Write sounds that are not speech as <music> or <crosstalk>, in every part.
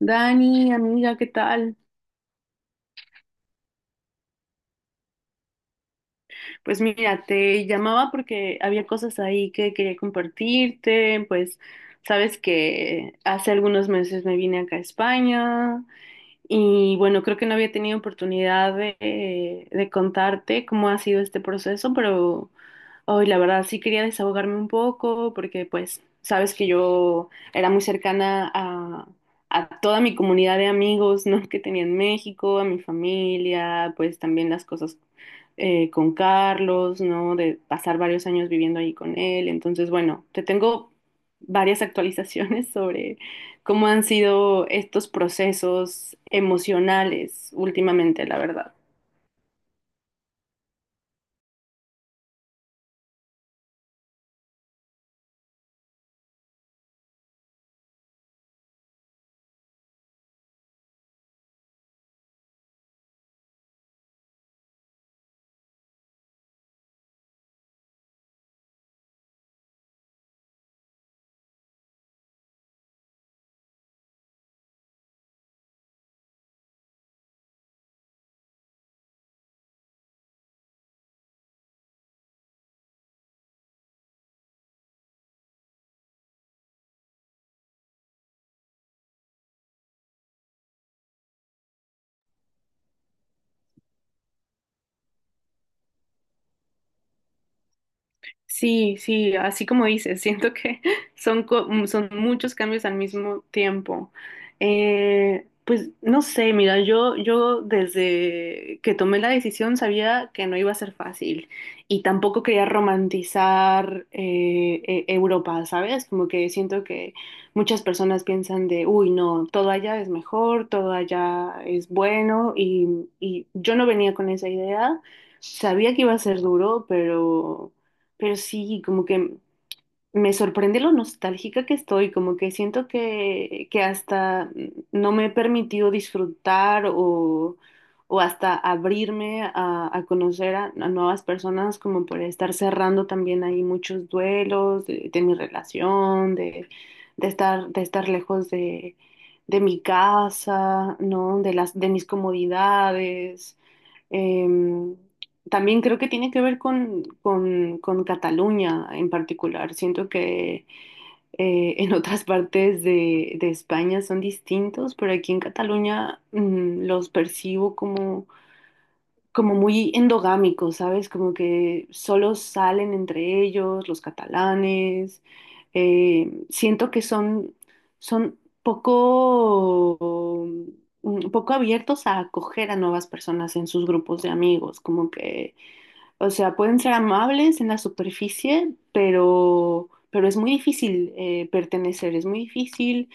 Dani, amiga, ¿qué tal? Pues mira, te llamaba porque había cosas ahí que quería compartirte, pues sabes que hace algunos meses me vine acá a España. Y bueno, creo que no había tenido oportunidad de contarte cómo ha sido este proceso, pero hoy la verdad sí quería desahogarme un poco porque pues sabes que yo era muy cercana a toda mi comunidad de amigos, ¿no? <laughs> que tenía en México, a mi familia, pues también las cosas con Carlos, ¿no? De pasar varios años viviendo ahí con él. Entonces, bueno, te tengo varias actualizaciones <laughs> sobre cómo han sido estos procesos emocionales últimamente, la verdad. Sí, sí, así como dices, siento que <laughs> son muchos cambios al mismo tiempo. Pues no sé, mira, yo desde que tomé la decisión sabía que no iba a ser fácil y tampoco quería romantizar Europa, ¿sabes? Como que siento que muchas personas piensan de, uy, no, todo allá es mejor, todo allá es bueno y yo no venía con esa idea. Sabía que iba a ser duro, pero... Pero sí, como que me sorprende lo nostálgica que estoy, como que siento que hasta no me he permitido o hasta abrirme a conocer a nuevas personas, como por estar cerrando también ahí muchos duelos de mi relación, de, de estar lejos de mi casa, ¿no? De mis comodidades. Em, También creo que tiene que ver con Cataluña en particular. Siento que en otras partes de España son distintos, pero aquí en Cataluña los percibo como como muy endogámicos, ¿sabes? Como que solo salen entre ellos los catalanes. Siento que son, son poco, un poco abiertos a acoger a nuevas personas en sus grupos de amigos, como que o sea, pueden ser amables en la superficie, pero es muy difícil pertenecer, es muy difícil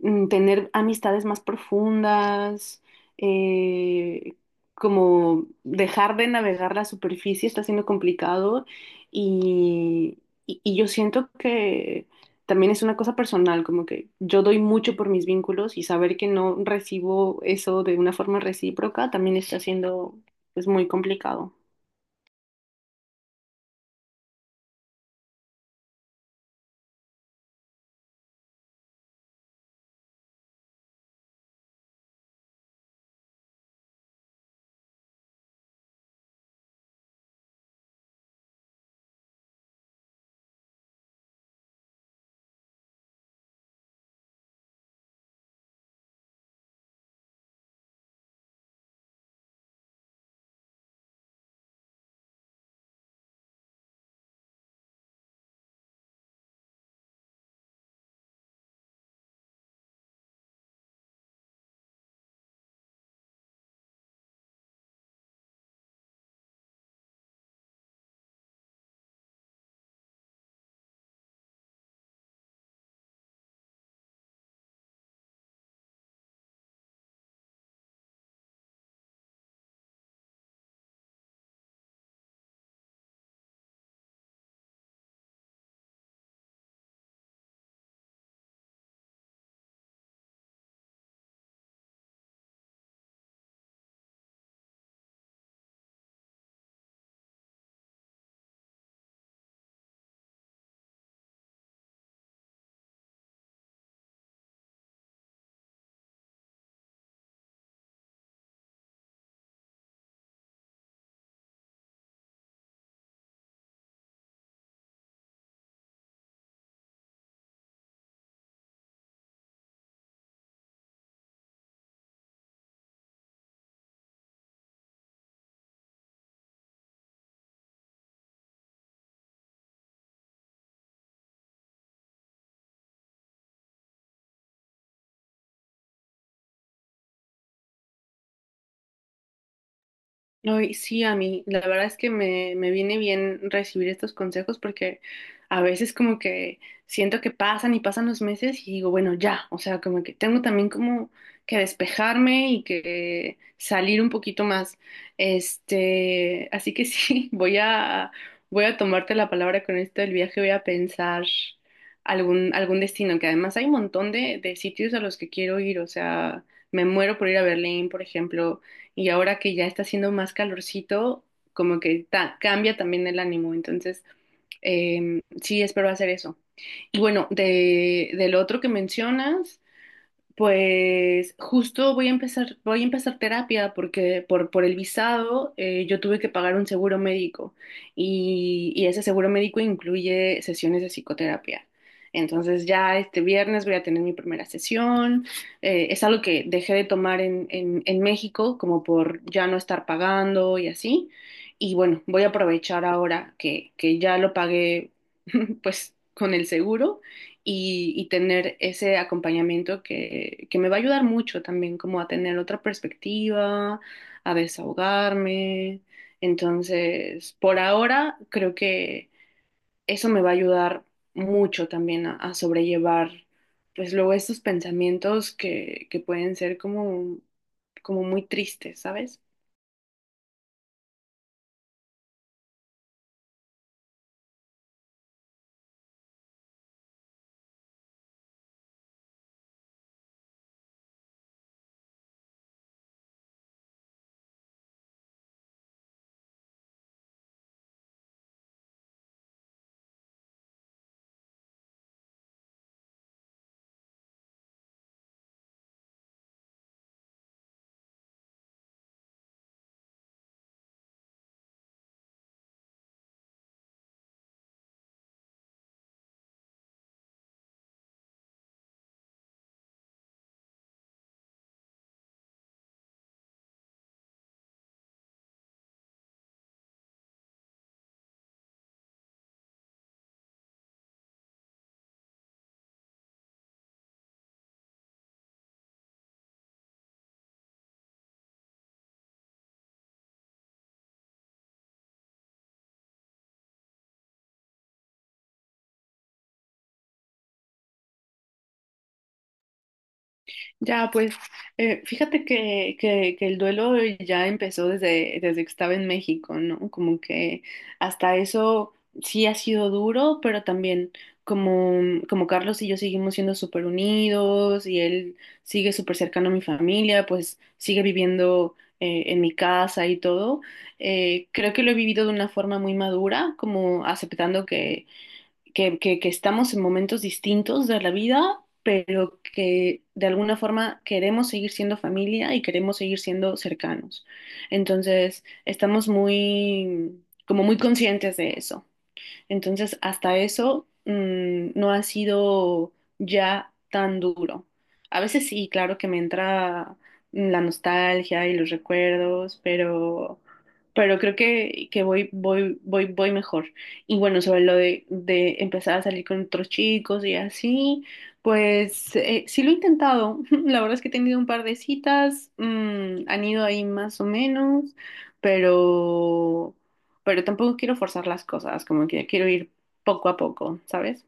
tener amistades más profundas, eh, como dejar de navegar la superficie está siendo complicado y, y yo siento que también es una cosa personal, como que yo doy mucho por mis vínculos y saber que no recibo eso de una forma recíproca también está siendo, es muy complicado. Ay, sí, a mí, la verdad es que me viene bien recibir estos consejos porque a veces como que siento que pasan y pasan los meses y digo, bueno, ya, o sea, como que tengo también como que despejarme y que salir un poquito más. Este, así que sí, <laughs> voy a tomarte la palabra con esto del viaje, voy a pensar algún destino, que además hay un montón de sitios a los que quiero ir, o sea, me muero por ir a Berlín, por ejemplo, y ahora que ya está haciendo más calorcito, como que cambia también el ánimo. Entonces, sí, espero hacer eso. Y bueno, de, del otro que mencionas. Pues justo voy a empezar terapia porque por el visado yo tuve que pagar un seguro médico y ese seguro médico incluye sesiones de psicoterapia. Entonces ya este viernes voy a tener mi primera sesión. Es algo que dejé de tomar en México como por ya no estar pagando y así. Y bueno, voy a aprovechar ahora que ya lo pagué <laughs> pues con el seguro y tener ese acompañamiento que me va a ayudar mucho también, como a tener otra perspectiva, a desahogarme. Entonces, por ahora, creo que eso me va a ayudar mucho también a sobrellevar, pues luego estos pensamientos que pueden ser como, como muy tristes, ¿sabes? Ya, pues fíjate que, que el duelo ya empezó desde, desde que estaba en México, ¿no? Como que hasta eso sí ha sido duro, pero también como, como Carlos y yo seguimos siendo súper unidos y él sigue súper cercano a mi familia, pues sigue viviendo en mi casa y todo. Creo que lo he vivido de una forma muy madura, como aceptando que estamos en momentos distintos de la vida, pero que de alguna forma queremos seguir siendo familia y queremos seguir siendo cercanos. Entonces, estamos muy, como muy conscientes de eso. Entonces, hasta eso no ha sido ya tan duro. A veces sí, claro que me entra la nostalgia y los recuerdos, pero creo que voy mejor. Y bueno, sobre lo de empezar a salir con otros chicos y así, pues sí lo he intentado. <laughs> La verdad es que he tenido un par de citas, han ido ahí más o menos, pero pero tampoco quiero forzar las cosas, como que quiero ir poco a poco, ¿sabes?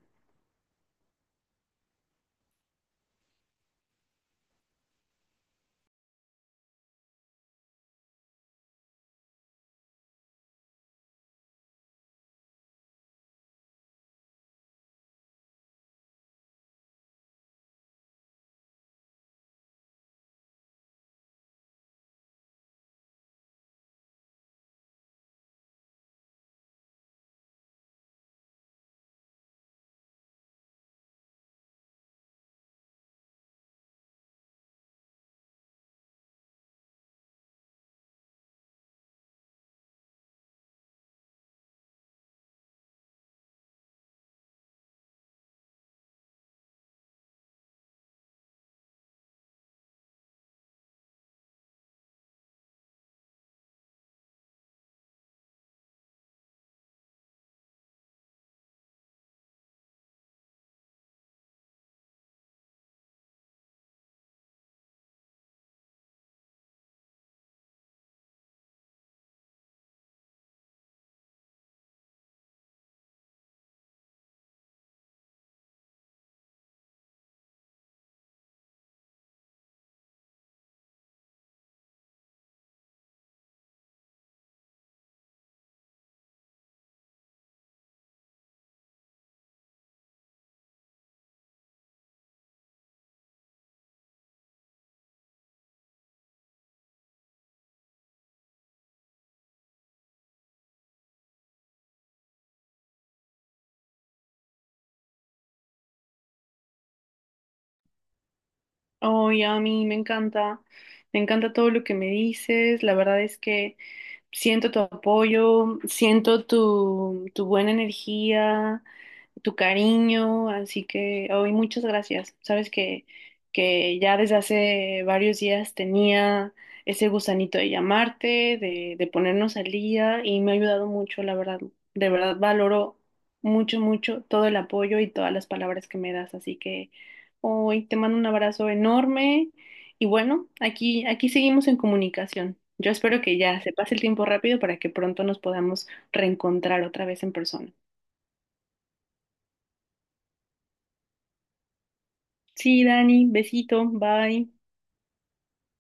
Oye, a mí me encanta todo lo que me dices, la verdad es que... Siento tu apoyo, siento tu buena energía, tu cariño, así que hoy muchas gracias. Sabes que ya desde hace varios días tenía ese gusanito de llamarte, de ponernos al día y me ha ayudado mucho, la verdad. De verdad valoro mucho, mucho todo el apoyo y todas las palabras que me das, así que hoy te mando un abrazo enorme y bueno, aquí, aquí seguimos en comunicación. Yo espero que ya se pase el tiempo rápido para que pronto nos podamos reencontrar otra vez en persona. Sí, Dani, besito, bye.